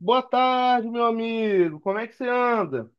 Boa tarde, meu amigo. Como é que você anda?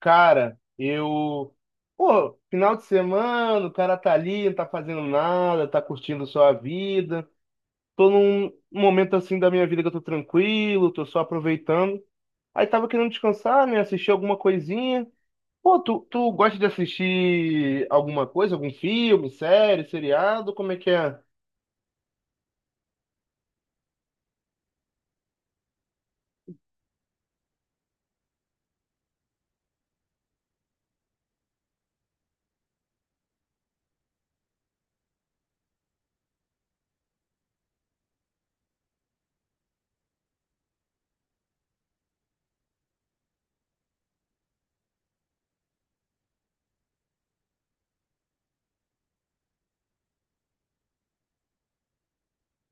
Cara, eu. Pô, final de semana, o cara tá ali, não tá fazendo nada, tá curtindo sua vida. Tô num momento assim da minha vida que eu tô tranquilo, tô só aproveitando. Aí tava querendo descansar, né? Assistir alguma coisinha. Pô, tu gosta de assistir alguma coisa, algum filme, série, seriado? Como é que é?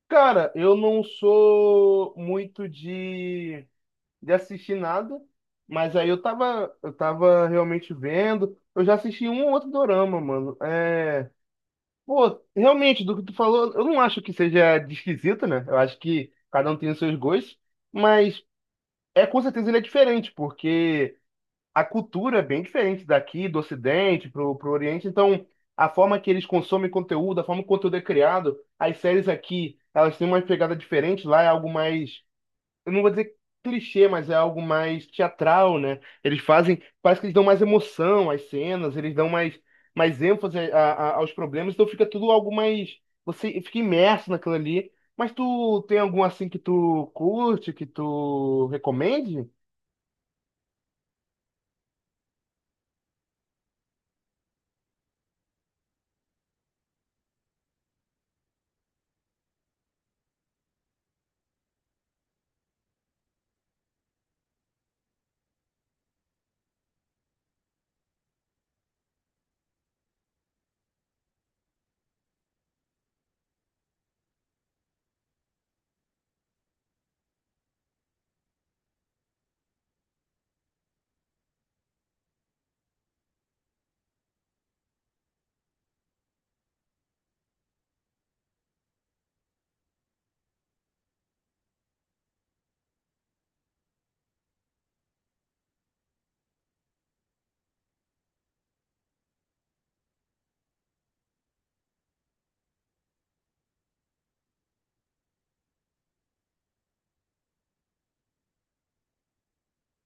Cara, eu não sou muito de assistir nada, mas aí eu tava realmente vendo. Eu já assisti um ou outro dorama, mano. Pô, realmente, do que tu falou, eu não acho que seja de esquisito, né? Eu acho que cada um tem os seus gostos, mas é com certeza ele é diferente, porque a cultura é bem diferente daqui, do Ocidente, pro, pro Oriente, então. A forma que eles consomem conteúdo, a forma que o conteúdo é criado, as séries aqui, elas têm uma pegada diferente, lá é algo mais, eu não vou dizer clichê, mas é algo mais teatral, né? Eles fazem, parece que eles dão mais emoção às cenas, eles dão mais, mais ênfase aos problemas, então fica tudo algo mais, você fica imerso naquilo ali. Mas tu tem algum assim que tu curte, que tu recomende?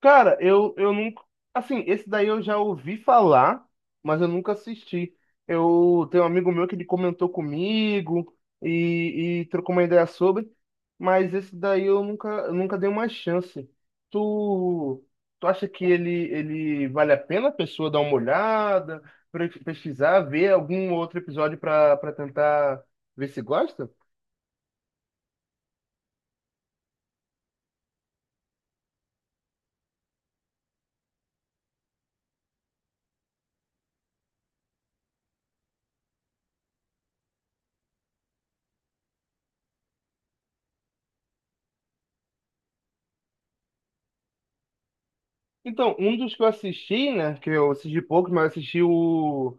Cara, eu nunca. Assim, esse daí eu já ouvi falar, mas eu nunca assisti. Eu tenho um amigo meu que ele comentou comigo e trocou uma ideia sobre, mas esse daí eu nunca dei uma chance. Tu, tu acha que ele vale a pena a pessoa dar uma olhada, pesquisar, ver algum outro episódio para para tentar ver se gosta? Então, um dos que eu assisti, né, que eu assisti poucos, mas eu assisti o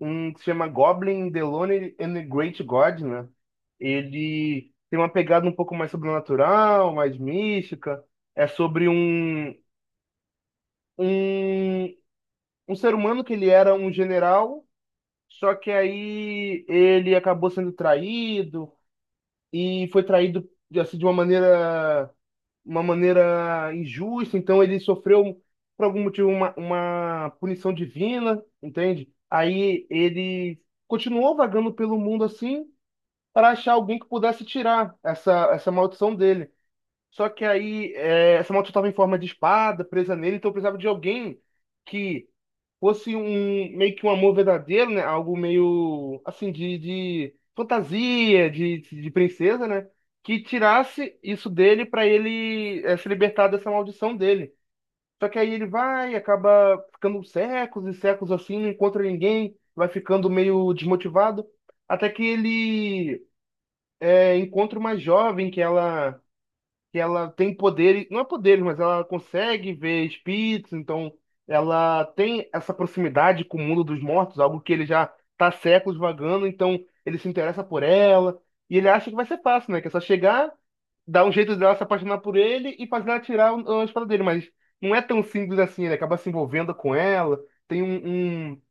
um que se chama Goblin, the Lonely and the Great God, né? Ele tem uma pegada um pouco mais sobrenatural, mais mística. É sobre um, um ser humano que ele era um general, só que aí ele acabou sendo traído e foi traído assim, de uma maneira injusta. Então ele sofreu, por algum motivo, uma punição divina, entende? Aí ele continuou vagando pelo mundo assim para achar alguém que pudesse tirar essa maldição dele. Só que aí é, essa maldição estava em forma de espada presa nele, então eu precisava de alguém que fosse um meio que um amor verdadeiro, né? Algo meio assim de fantasia, de princesa, né? Que tirasse isso dele para ele se libertar dessa maldição dele. Só que aí ele vai, acaba ficando séculos e séculos assim, não encontra ninguém, vai ficando meio desmotivado, até que ele encontra uma jovem que ela tem poderes, não é poderes, mas ela consegue ver espíritos, então ela tem essa proximidade com o mundo dos mortos, algo que ele já está há séculos vagando, então ele se interessa por ela e ele acha que vai ser fácil, né? Que é só chegar, dar um jeito dela se apaixonar por ele e fazer ela tirar a espada dele, mas não é tão simples assim, ele acaba se envolvendo com ela, tem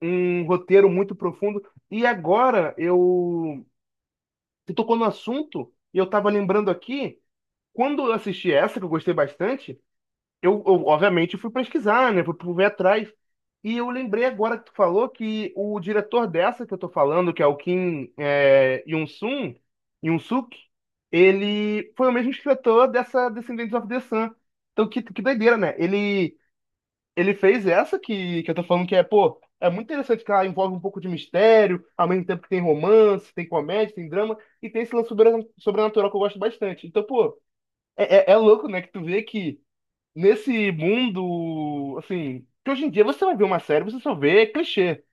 um roteiro muito profundo. E agora eu Você tocou no assunto e eu tava lembrando aqui, quando eu assisti essa, que eu gostei bastante, obviamente fui pesquisar, né? Fui ver atrás. E eu lembrei agora que tu falou que o diretor dessa que eu tô falando, que é o Kim Yoon-sun, Yoon-suk, ele foi o mesmo escritor dessa Descendants of the Sun. Então, que doideira, né? Ele fez essa que eu tô falando que é, pô, é muito interessante que ela envolve um pouco de mistério, ao mesmo tempo que tem romance, tem comédia, tem drama, e tem esse lance sobrenatural que eu gosto bastante. Então, pô, é louco, né, que tu vê que nesse mundo, assim, que hoje em dia você vai ver uma série, você só vê clichê.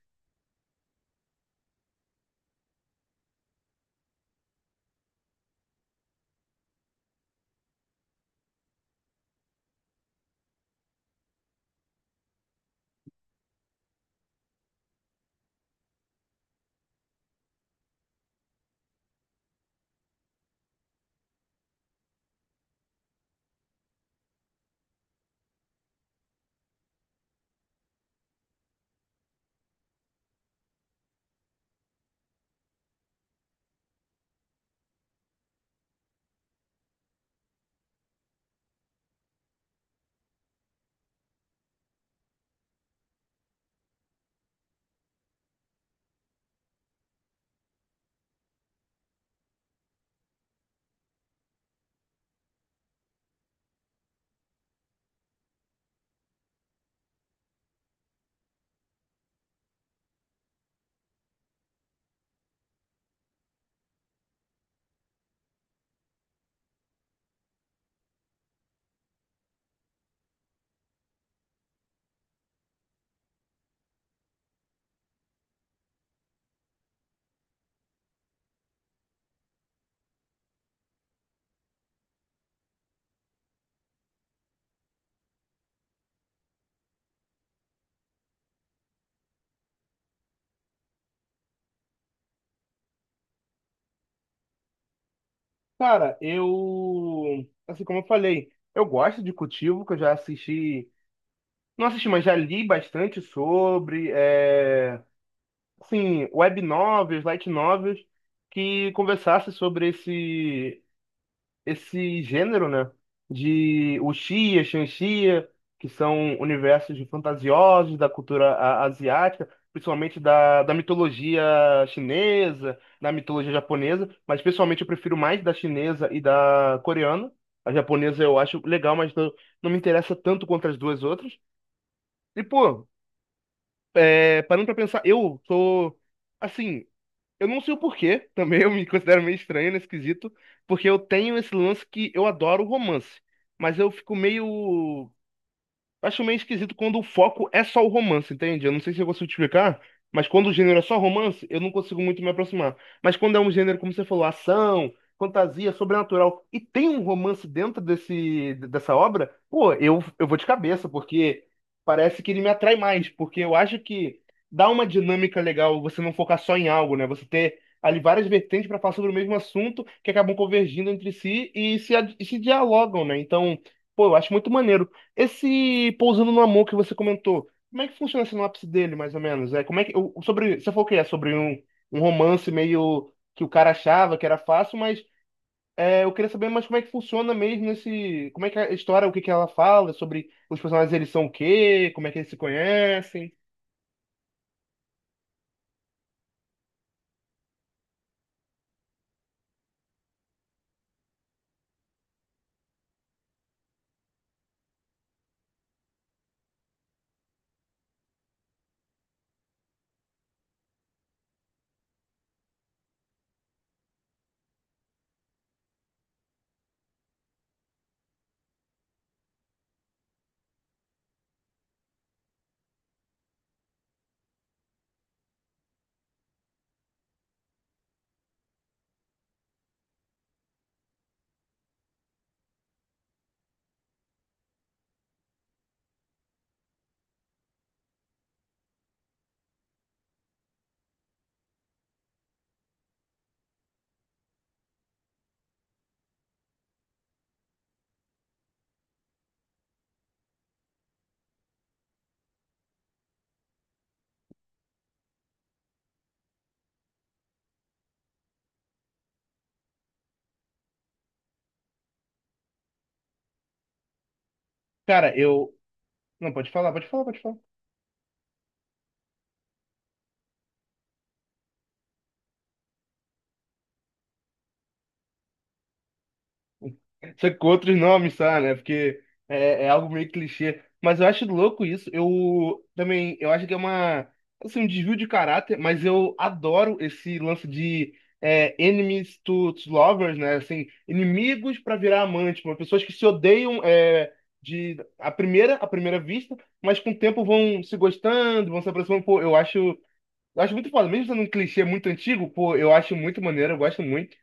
Cara, eu, assim como eu falei, eu gosto de Cultivo, que eu já assisti, não assisti, mas já li bastante sobre, é... assim, web novels, light novels, que conversasse sobre esse gênero, né? De wuxia, xanxia, que são universos de fantasiosos da cultura asiática, principalmente da, da mitologia chinesa, da mitologia japonesa, mas pessoalmente eu prefiro mais da chinesa e da coreana. A japonesa eu acho legal, mas não me interessa tanto quanto as duas outras. E, pô, é, parando pra pensar, eu sou, assim, eu não sei o porquê, também eu me considero meio estranho nesse quesito, porque eu tenho esse lance que eu adoro romance, mas eu fico meio. Acho meio esquisito quando o foco é só o romance, entende? Eu não sei se eu consigo te explicar, mas quando o gênero é só romance, eu não consigo muito me aproximar. Mas quando é um gênero, como você falou, ação, fantasia, sobrenatural, e tem um romance dentro desse, dessa obra, pô, eu vou de cabeça, porque parece que ele me atrai mais, porque eu acho que dá uma dinâmica legal você não focar só em algo, né? Você ter ali várias vertentes para falar sobre o mesmo assunto que acabam convergindo entre si e se, e se dialogam, né? Então, pô, eu acho muito maneiro. Esse Pousando no Amor que você comentou, como é que funciona a sinopse dele, mais ou menos? É, como é que, sobre, você falou que é sobre um romance meio que o cara achava que era fácil, mas é, eu queria saber mais como é que funciona mesmo esse, como é que é a história, o que que ela fala, sobre os personagens, eles são o quê, como é que eles se conhecem. Cara, eu... Não, pode falar. Só que com outros nomes, sabe, né? Porque é algo meio clichê. Mas eu acho louco isso. Eu também, eu acho que é uma, assim, um desvio de caráter, mas eu adoro esse lance de enemies to lovers, né? Assim, inimigos para virar amante, tipo, pessoas que se odeiam de à primeira vista, mas com o tempo vão se gostando, vão se aproximando. Pô, eu acho muito foda. Mesmo sendo um clichê muito antigo, pô, eu acho muito maneiro, eu gosto muito.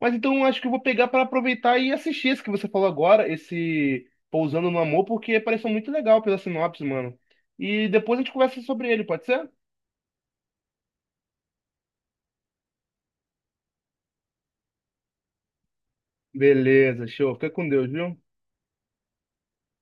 Mas então acho que eu vou pegar para aproveitar e assistir esse que você falou agora, esse Pousando no Amor, porque pareceu muito legal pela sinopse, mano. E depois a gente conversa sobre ele, pode ser? Beleza, show. Fica com Deus, viu?